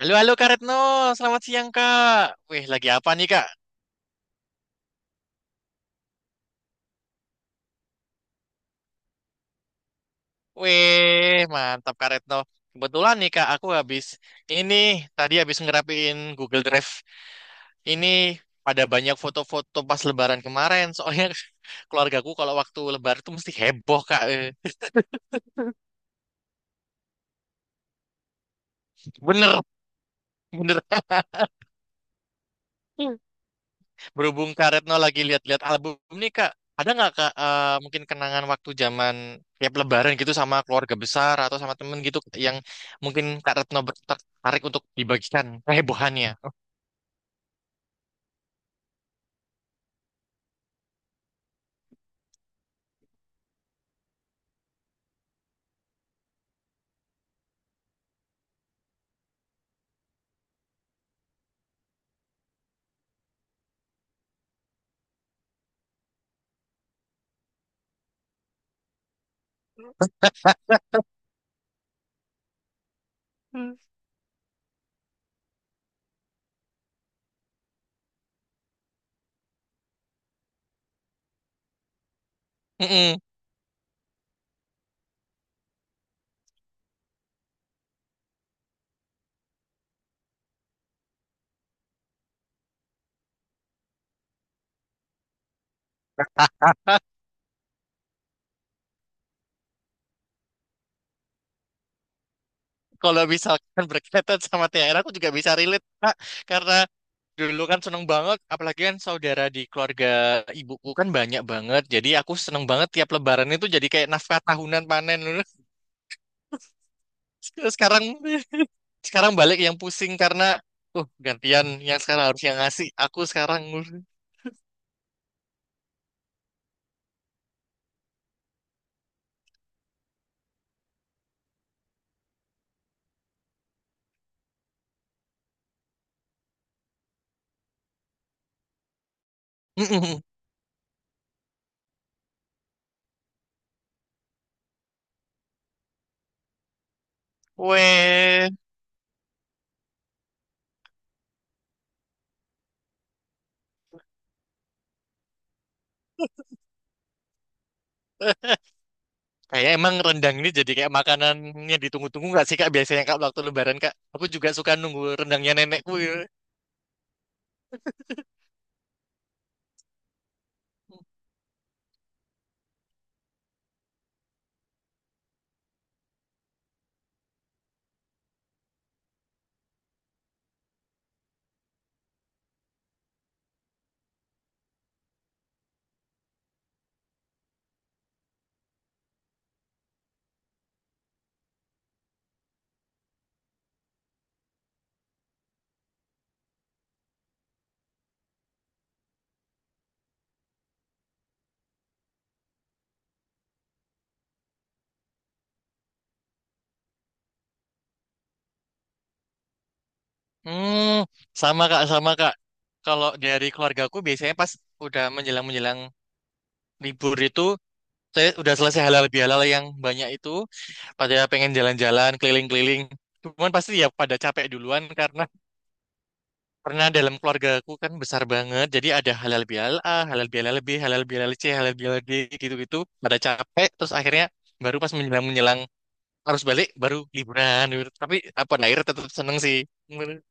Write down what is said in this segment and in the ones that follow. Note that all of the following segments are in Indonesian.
Halo, halo Kak Retno. Selamat siang, Kak. Wih, lagi apa nih, Kak? Wih, mantap, Kak Retno. Kebetulan nih, Kak, aku habis ini tadi habis ngerapiin Google Drive. Ini ada banyak foto-foto pas Lebaran kemarin. Soalnya keluargaku kalau waktu Lebaran tuh mesti heboh, Kak. Bener, bener. Berhubung Kak Retno lagi lihat-lihat album nih Kak, ada nggak Kak mungkin kenangan waktu zaman tiap Lebaran gitu sama keluarga besar atau sama temen gitu yang mungkin Kak Retno tertarik untuk dibagikan kehebohannya? Hmm. Mm-mm. Kalau misalkan berkaitan sama THR, aku juga bisa relate, Kak. Karena dulu kan seneng banget, apalagi kan saudara di keluarga ibuku kan banyak banget. Jadi aku seneng banget tiap lebaran itu jadi kayak nafkah tahunan panen. Sekarang sekarang balik yang pusing karena gantian yang sekarang harus yang ngasih aku sekarang. Weh, kayak emang rendang ini jadi kayak makanannya ditunggu-tunggu nggak sih kak, biasanya kak waktu lebaran kak aku juga suka nunggu rendangnya nenekku ya. Hmm. Sama kak, kalau dari keluargaku biasanya pas udah menjelang-menjelang libur itu saya udah selesai halal bihalal yang banyak itu pada pengen jalan-jalan keliling-keliling cuman pasti ya pada capek duluan karena pernah dalam keluargaku kan besar banget, jadi ada halal bihalal A, halal bihalal B, halal bihalal C, halal bihalal D, gitu-gitu. Pada capek, terus akhirnya baru pas menjelang-menjelang harus balik, baru liburan. Gitu. Tapi apa akhirnya tetap seneng sih. Bener,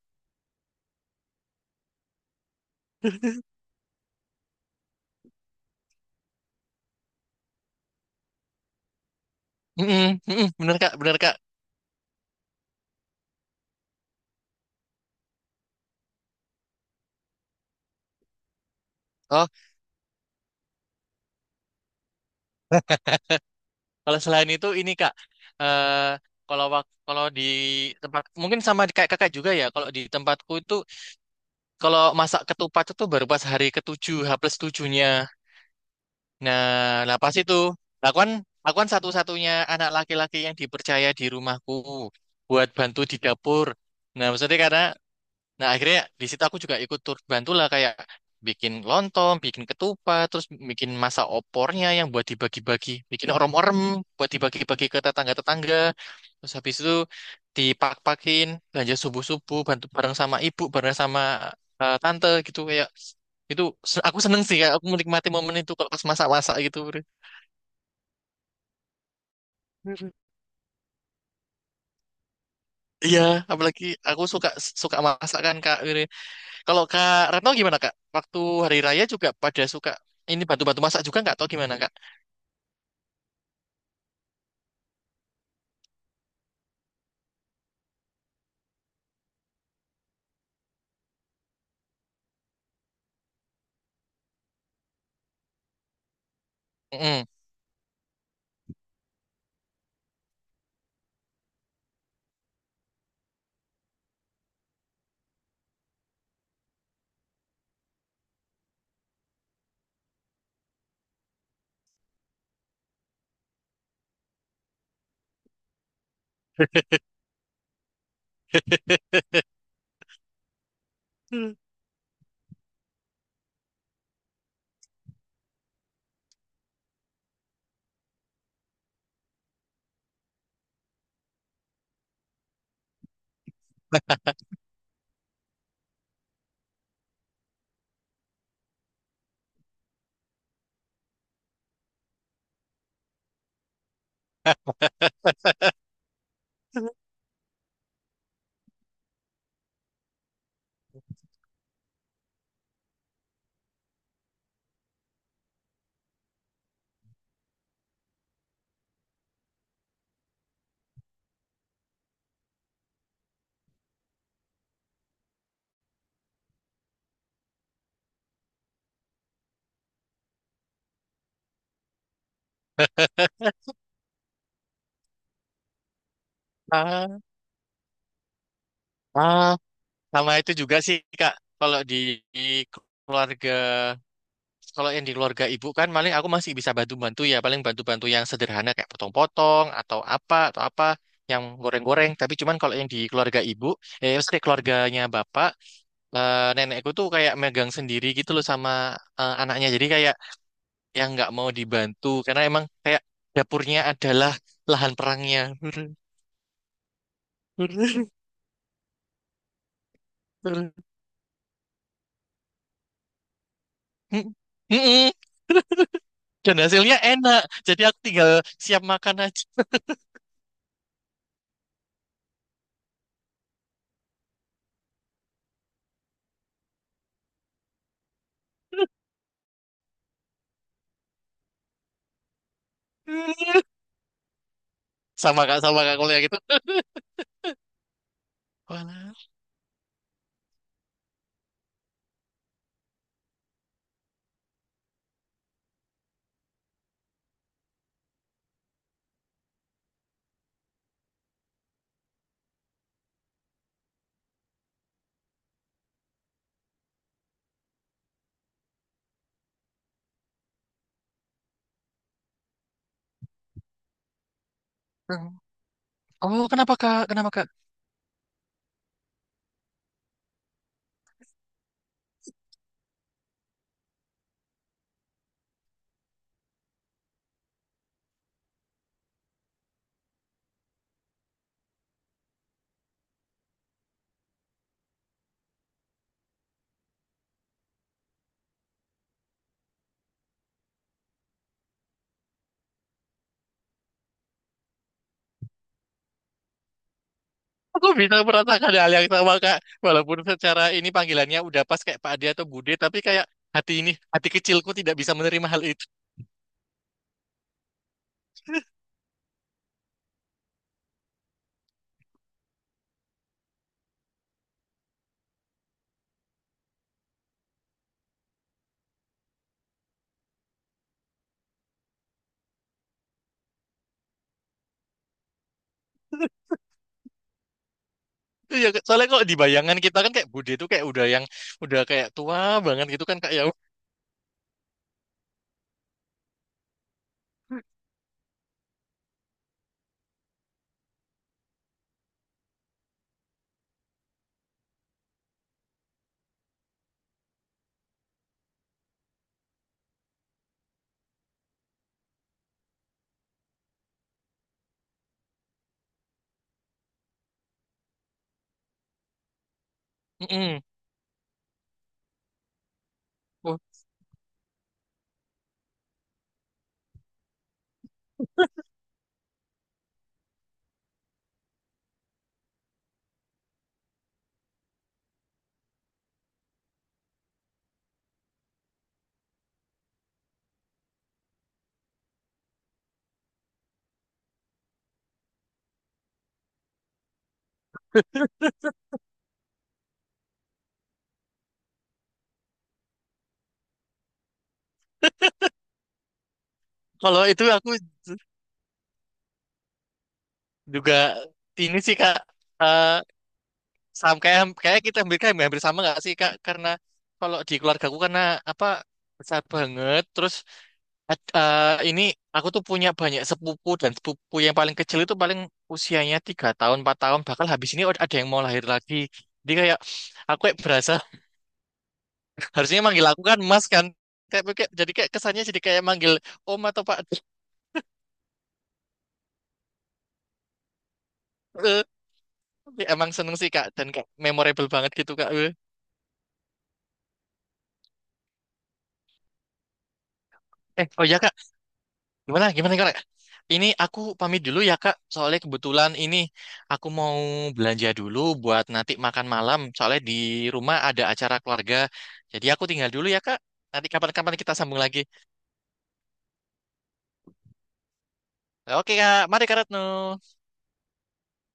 mm-mm, mm-mm, bener kak, bener kak. Oh, kalau selain itu ini kak, eh kalau kalau di tempat mungkin sama kayak kakak juga ya. Kalau di tempatku itu kalau masak ketupat itu baru pas hari ketujuh, H plus tujuhnya. Nah, lah pas itu, lah aku kan, aku kan satu-satunya anak laki-laki yang dipercaya di rumahku buat bantu di dapur. Nah, maksudnya karena Nah, akhirnya di situ aku juga ikut turut bantulah kayak bikin lontong, bikin ketupat, terus bikin masa opornya yang buat dibagi-bagi, bikin orem-orem buat dibagi-bagi ke tetangga-tetangga. Terus habis itu dipak-pakin belanja subuh-subuh, bantu bareng sama ibu, bareng sama tante gitu kayak itu aku seneng sih kayak aku menikmati momen itu kalau pas masak-masak gitu. Bre. Iya, apalagi aku suka suka masakan Kak. Gitu. Kalau Kak Retno gimana Kak? Waktu hari raya juga pada suka ini bantu-bantu masak juga nggak? Atau gimana Kak? Mm. Ah, ah, sama itu juga sih Kak. Kalau di, di keluarga, kalau yang di keluarga ibu kan paling aku masih bisa bantu-bantu ya. Paling bantu-bantu yang sederhana kayak potong-potong atau apa yang goreng-goreng. Tapi cuman kalau yang di keluarga ibu, eh maksudnya keluarganya bapak, nenekku tuh kayak megang sendiri gitu loh sama anaknya. Jadi kayak yang nggak mau dibantu karena emang kayak dapurnya adalah lahan perangnya. Dan hasilnya enak, jadi aku tinggal siap makan aja. Sama kak kuliah gitu. Walah. Oh, kenapa kak? Kenapa kak? Aku bisa merasakan hal yang sama kak. Walaupun secara ini panggilannya udah pas kayak Pak Ade atau Bude, tapi kayak hati ini, hati kecilku tidak bisa menerima hal itu. Iya, soalnya kok di bayangan kita kan kayak Bude itu kayak udah yang udah kayak tua banget gitu kan kak ya. Mm-mm. Oh, kalau itu aku juga ini sih Kak eh kayak kayak kita hampir kayak hampir sama nggak sih Kak karena kalau di keluarga aku karena apa besar banget terus ini aku tuh punya banyak sepupu dan sepupu yang paling kecil itu paling usianya 3 tahun 4 tahun bakal habis ini ada yang mau lahir lagi jadi kayak aku kayak berasa harusnya manggil aku kan Mas kan kayak, kayak- jadi kayak kesannya jadi kayak manggil Om atau Pak. Eh, tapi emang seneng sih Kak dan kayak memorable banget gitu Kak oh ya Kak, gimana gimana Kak, ini aku pamit dulu ya Kak soalnya kebetulan ini aku mau belanja dulu buat nanti makan malam soalnya di rumah ada acara keluarga jadi aku tinggal dulu ya Kak. Nanti kapan-kapan kita sambung lagi. Oke Kak, mari Kak Retno.